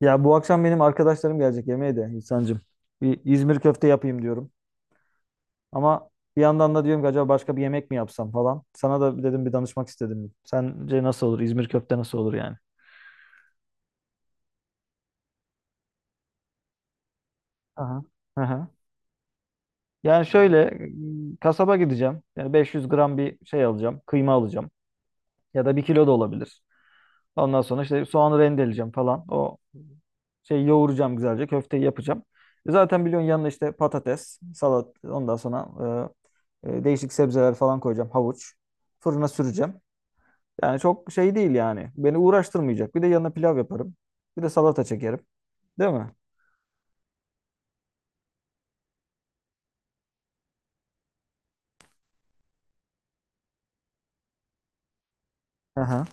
Ya bu akşam benim arkadaşlarım gelecek yemeğe de İhsan'cığım. Bir İzmir köfte yapayım diyorum. Ama bir yandan da diyorum ki acaba başka bir yemek mi yapsam falan. Sana da dedim, bir danışmak istedim. Sence nasıl olur? İzmir köfte nasıl olur yani? Aha. Aha. Yani şöyle kasaba gideceğim. Yani 500 gram bir şey alacağım. Kıyma alacağım. Ya da 1 kilo da olabilir. Ondan sonra işte soğanı rendeleyeceğim falan. O şey yoğuracağım güzelce. Köfteyi yapacağım. Zaten biliyorsun, yanına işte patates, salat, ondan sonra değişik sebzeler falan koyacağım. Havuç. Fırına süreceğim. Yani çok şey değil yani. Beni uğraştırmayacak. Bir de yanına pilav yaparım. Bir de salata çekerim. Değil mi? Aha.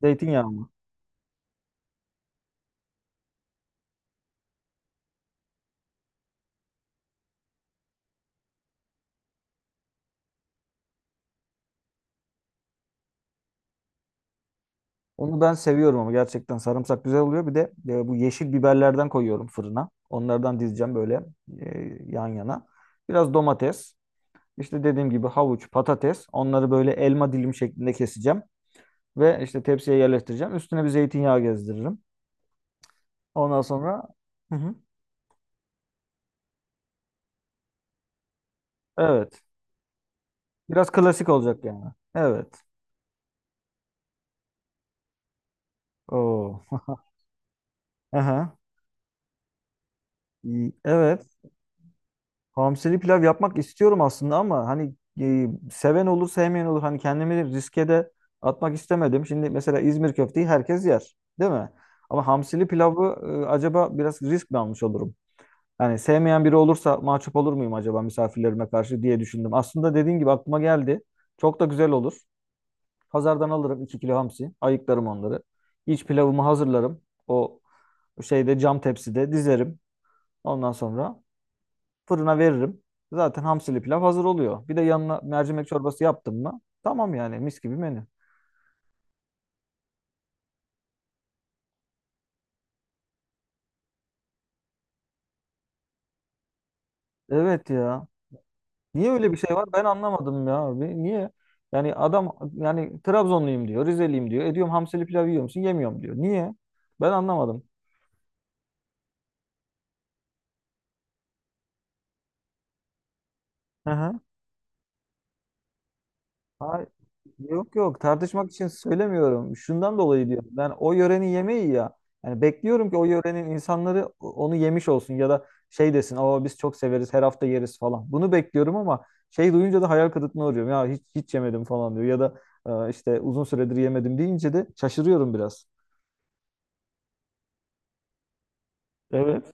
Zeytinyağı mı? Onu ben seviyorum, ama gerçekten sarımsak güzel oluyor. Bir de bu yeşil biberlerden koyuyorum fırına. Onlardan dizeceğim böyle yan yana. Biraz domates. İşte dediğim gibi havuç, patates. Onları böyle elma dilim şeklinde keseceğim. Ve işte tepsiye yerleştireceğim. Üstüne bir zeytinyağı gezdiririm. Ondan sonra, hı hı. Evet. Biraz klasik olacak yani. Evet. Oo. Aha. İyi. Evet. Hamsili pilav yapmak istiyorum aslında, ama hani e, seven olur sevmeyen olur. Hani kendimi riske de atmak istemedim. Şimdi mesela İzmir köfteyi herkes yer. Değil mi? Ama hamsili pilavı, acaba biraz risk mi almış olurum? Yani sevmeyen biri olursa mahcup olur muyum acaba misafirlerime karşı diye düşündüm. Aslında dediğin gibi aklıma geldi. Çok da güzel olur. Pazardan alırım 2 kilo hamsi. Ayıklarım onları. İç pilavımı hazırlarım. O şeyde, cam tepside dizerim. Ondan sonra fırına veririm. Zaten hamsili pilav hazır oluyor. Bir de yanına mercimek çorbası yaptım mı? Tamam yani, mis gibi menü. Evet ya. Niye öyle bir şey var? Ben anlamadım ya abi. Niye? Yani adam, yani Trabzonluyum diyor, Rizeliyim diyor. E diyorum, hamsili pilav yiyor musun? Yemiyorum diyor. Niye? Ben anlamadım. Hı hı. Ay- Yok yok, tartışmak için söylemiyorum. Şundan dolayı diyorum. Ben o yörenin yemeği ya. Yani bekliyorum ki o yörenin insanları onu yemiş olsun ya da şey desin, "Aa, biz çok severiz, her hafta yeriz falan." Bunu bekliyorum ama şey duyunca da hayal kırıklığına uğruyorum. Ya hiç hiç yemedim falan diyor, ya da "Aa, işte uzun süredir yemedim" deyince de şaşırıyorum biraz. Evet.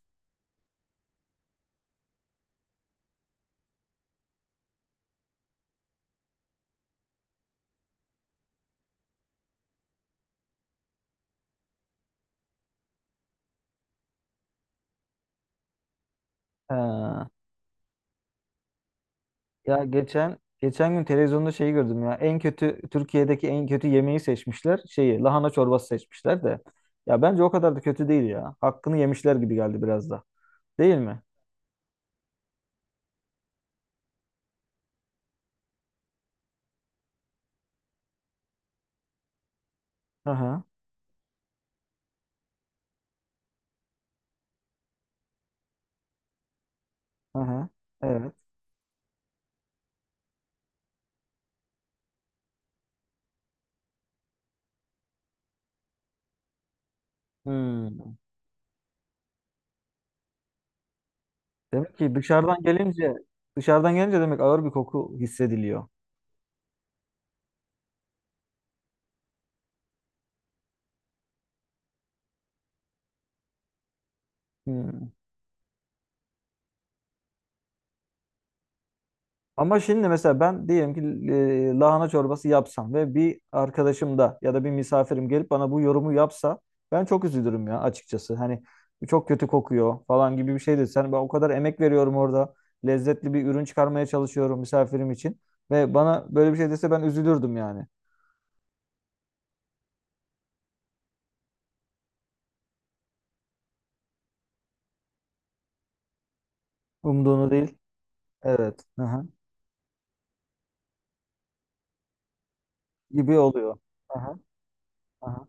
Ha. Ya geçen gün televizyonda şeyi gördüm ya. En kötü Türkiye'deki en kötü yemeği seçmişler. Şeyi, lahana çorbası seçmişler de. Ya bence o kadar da kötü değil ya. Hakkını yemişler gibi geldi biraz da. Değil mi? Hı hı. Hı hı. Evet. Hmm. Demek ki dışarıdan gelince, demek ağır bir koku hissediliyor. Hmm. Ama şimdi mesela ben diyelim ki lahana çorbası yapsam ve bir arkadaşım da ya da bir misafirim gelip bana bu yorumu yapsa, ben çok üzülürüm ya açıkçası. Hani bu çok kötü kokuyor falan gibi bir şey desen, ben o kadar emek veriyorum orada. Lezzetli bir ürün çıkarmaya çalışıyorum misafirim için ve bana böyle bir şey dese, ben üzülürdüm yani. Umduğunu değil. Evet. Aha. Gibi oluyor. Aha. Aha.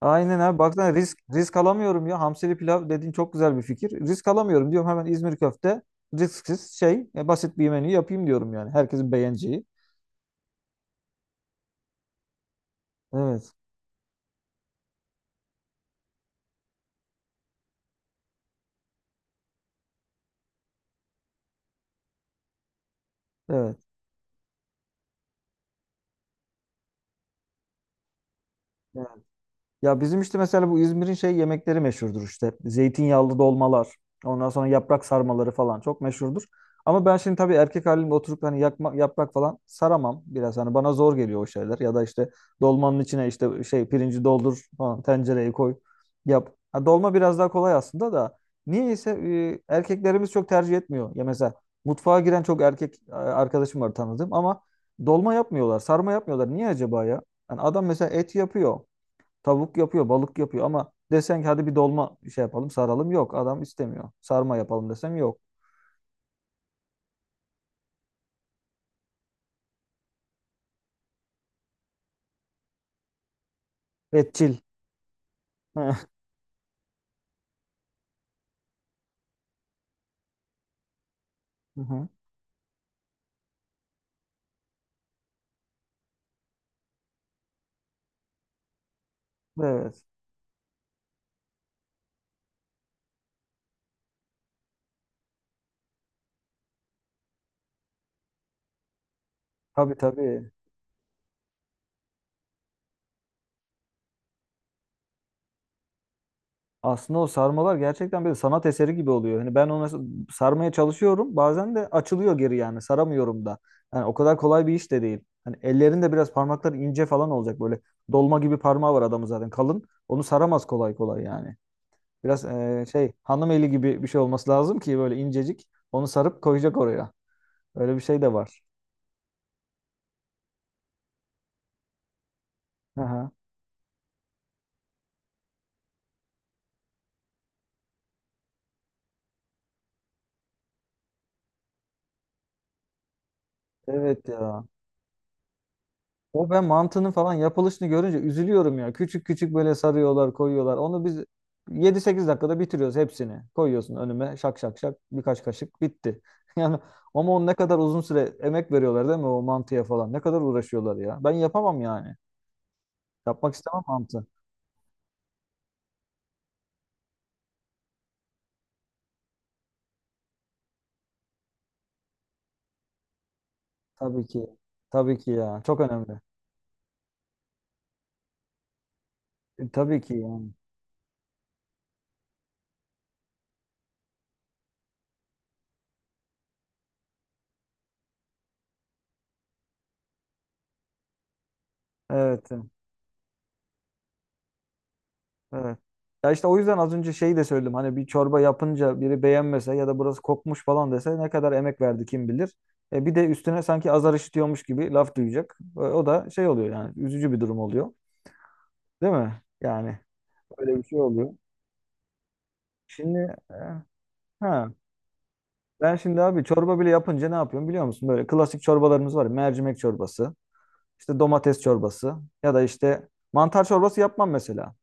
Aynen abi, baksana, risk alamıyorum ya. Hamsili pilav dediğin çok güzel bir fikir. Risk alamıyorum diyorum, hemen İzmir köfte, risksiz şey, basit bir menü yapayım diyorum yani. Herkesin beğeneceği. Evet. Evet. Ya bizim işte mesela bu İzmir'in şey yemekleri meşhurdur işte. Zeytinyağlı dolmalar, ondan sonra yaprak sarmaları falan çok meşhurdur. Ama ben şimdi tabii erkek halimle oturup hani yakma, yaprak falan saramam biraz. Hani bana zor geliyor o şeyler. Ya da işte dolmanın içine işte şey pirinci doldur falan, tencereye koy, yap. Ha, dolma biraz daha kolay aslında da. Niyeyse erkeklerimiz çok tercih etmiyor. Ya mesela mutfağa giren çok erkek arkadaşım var tanıdığım, ama dolma yapmıyorlar, sarma yapmıyorlar. Niye acaba ya? Yani adam mesela et yapıyor. Tavuk yapıyor, balık yapıyor, ama desen ki hadi bir dolma şey yapalım, saralım. Yok, adam istemiyor. Sarma yapalım desem yok. Etçil. Hı hı. Evet. Tabii tabii. Aslında o sarmalar gerçekten bir sanat eseri gibi oluyor. Hani ben ona sarmaya çalışıyorum. Bazen de açılıyor geri yani. Saramıyorum da. Yani o kadar kolay bir iş de değil. Hani ellerinde biraz parmakları ince falan olacak böyle. Dolma gibi parmağı var adamın, zaten kalın. Onu saramaz kolay kolay yani. Biraz şey, hanım eli gibi bir şey olması lazım ki böyle incecik. Onu sarıp koyacak oraya. Öyle bir şey de var. Aha. Evet ya. O ben mantının falan yapılışını görünce üzülüyorum ya. Küçük küçük böyle sarıyorlar, koyuyorlar. Onu biz 7-8 dakikada bitiriyoruz hepsini. Koyuyorsun önüme, şak şak şak, birkaç kaşık bitti. Yani ama ne kadar uzun süre emek veriyorlar değil mi o mantıya falan. Ne kadar uğraşıyorlar ya. Ben yapamam yani. Yapmak istemem mantı. Tabii ki. Tabii ki ya. Çok önemli. Tabii ki yani. Evet. Evet. Ya işte o yüzden az önce şeyi de söyledim. Hani bir çorba yapınca biri beğenmese ya da burası kokmuş falan dese, ne kadar emek verdi kim bilir. Bir de üstüne sanki azar işitiyormuş gibi laf duyacak. O da şey oluyor yani, üzücü bir durum oluyor. Değil mi? Yani öyle bir şey oluyor. Şimdi, ha ben şimdi abi çorba bile yapınca ne yapıyorum biliyor musun? Böyle klasik çorbalarımız var. Ya, mercimek çorbası, işte domates çorbası, ya da işte mantar çorbası yapmam mesela.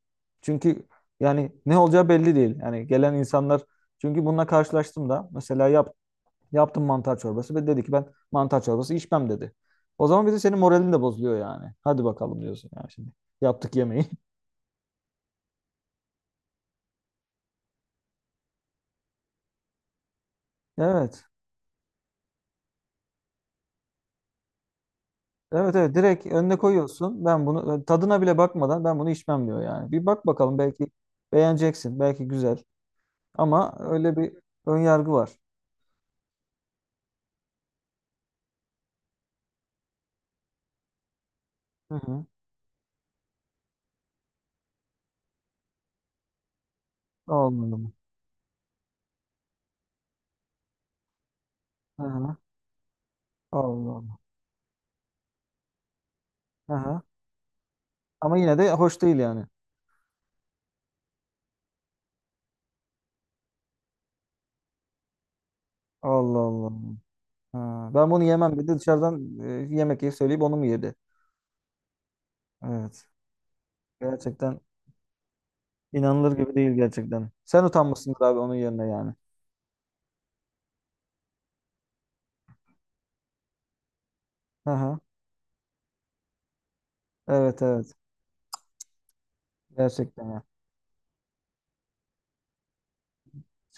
Çünkü yani ne olacağı belli değil. Yani gelen insanlar, çünkü bununla karşılaştım da, mesela yaptım mantar çorbası ve dedi ki, ben mantar çorbası içmem dedi. O zaman bir senin moralin de bozuluyor yani. Hadi bakalım diyorsun yani şimdi. Yaptık yemeği. Evet. Evet evet, direkt önüne koyuyorsun. Ben bunu, tadına bile bakmadan ben bunu içmem diyor yani. Bir bak bakalım, belki beğeneceksin. Belki güzel. Ama öyle bir ön yargı var. Hı hı. Olmadı. Aha. Allah Allah. Aha. Ama yine de hoş değil yani. Allah Allah. Ha. Ben bunu yemem dedi. Dışarıdan yemek yiyip söyleyip onu mu yedi? Evet. Gerçekten inanılır gibi değil gerçekten. Sen utanmışsındır abi onun yerine yani. Aha. Evet evet. Gerçekten yani.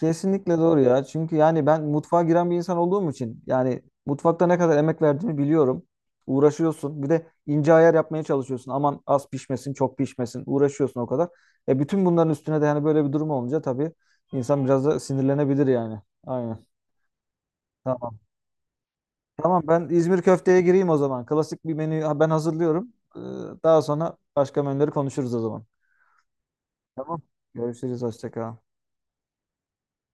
Kesinlikle doğru ya. Çünkü yani ben mutfağa giren bir insan olduğum için yani, mutfakta ne kadar emek verdiğimi biliyorum. Uğraşıyorsun. Bir de ince ayar yapmaya çalışıyorsun. Aman az pişmesin, çok pişmesin. Uğraşıyorsun o kadar. Bütün bunların üstüne de yani böyle bir durum olunca tabii, insan biraz da sinirlenebilir yani. Aynen. Tamam. Tamam, ben İzmir köfteye gireyim o zaman. Klasik bir menü ben hazırlıyorum. Daha sonra başka menüleri konuşuruz o zaman. Tamam. Görüşürüz. Hoşça kal.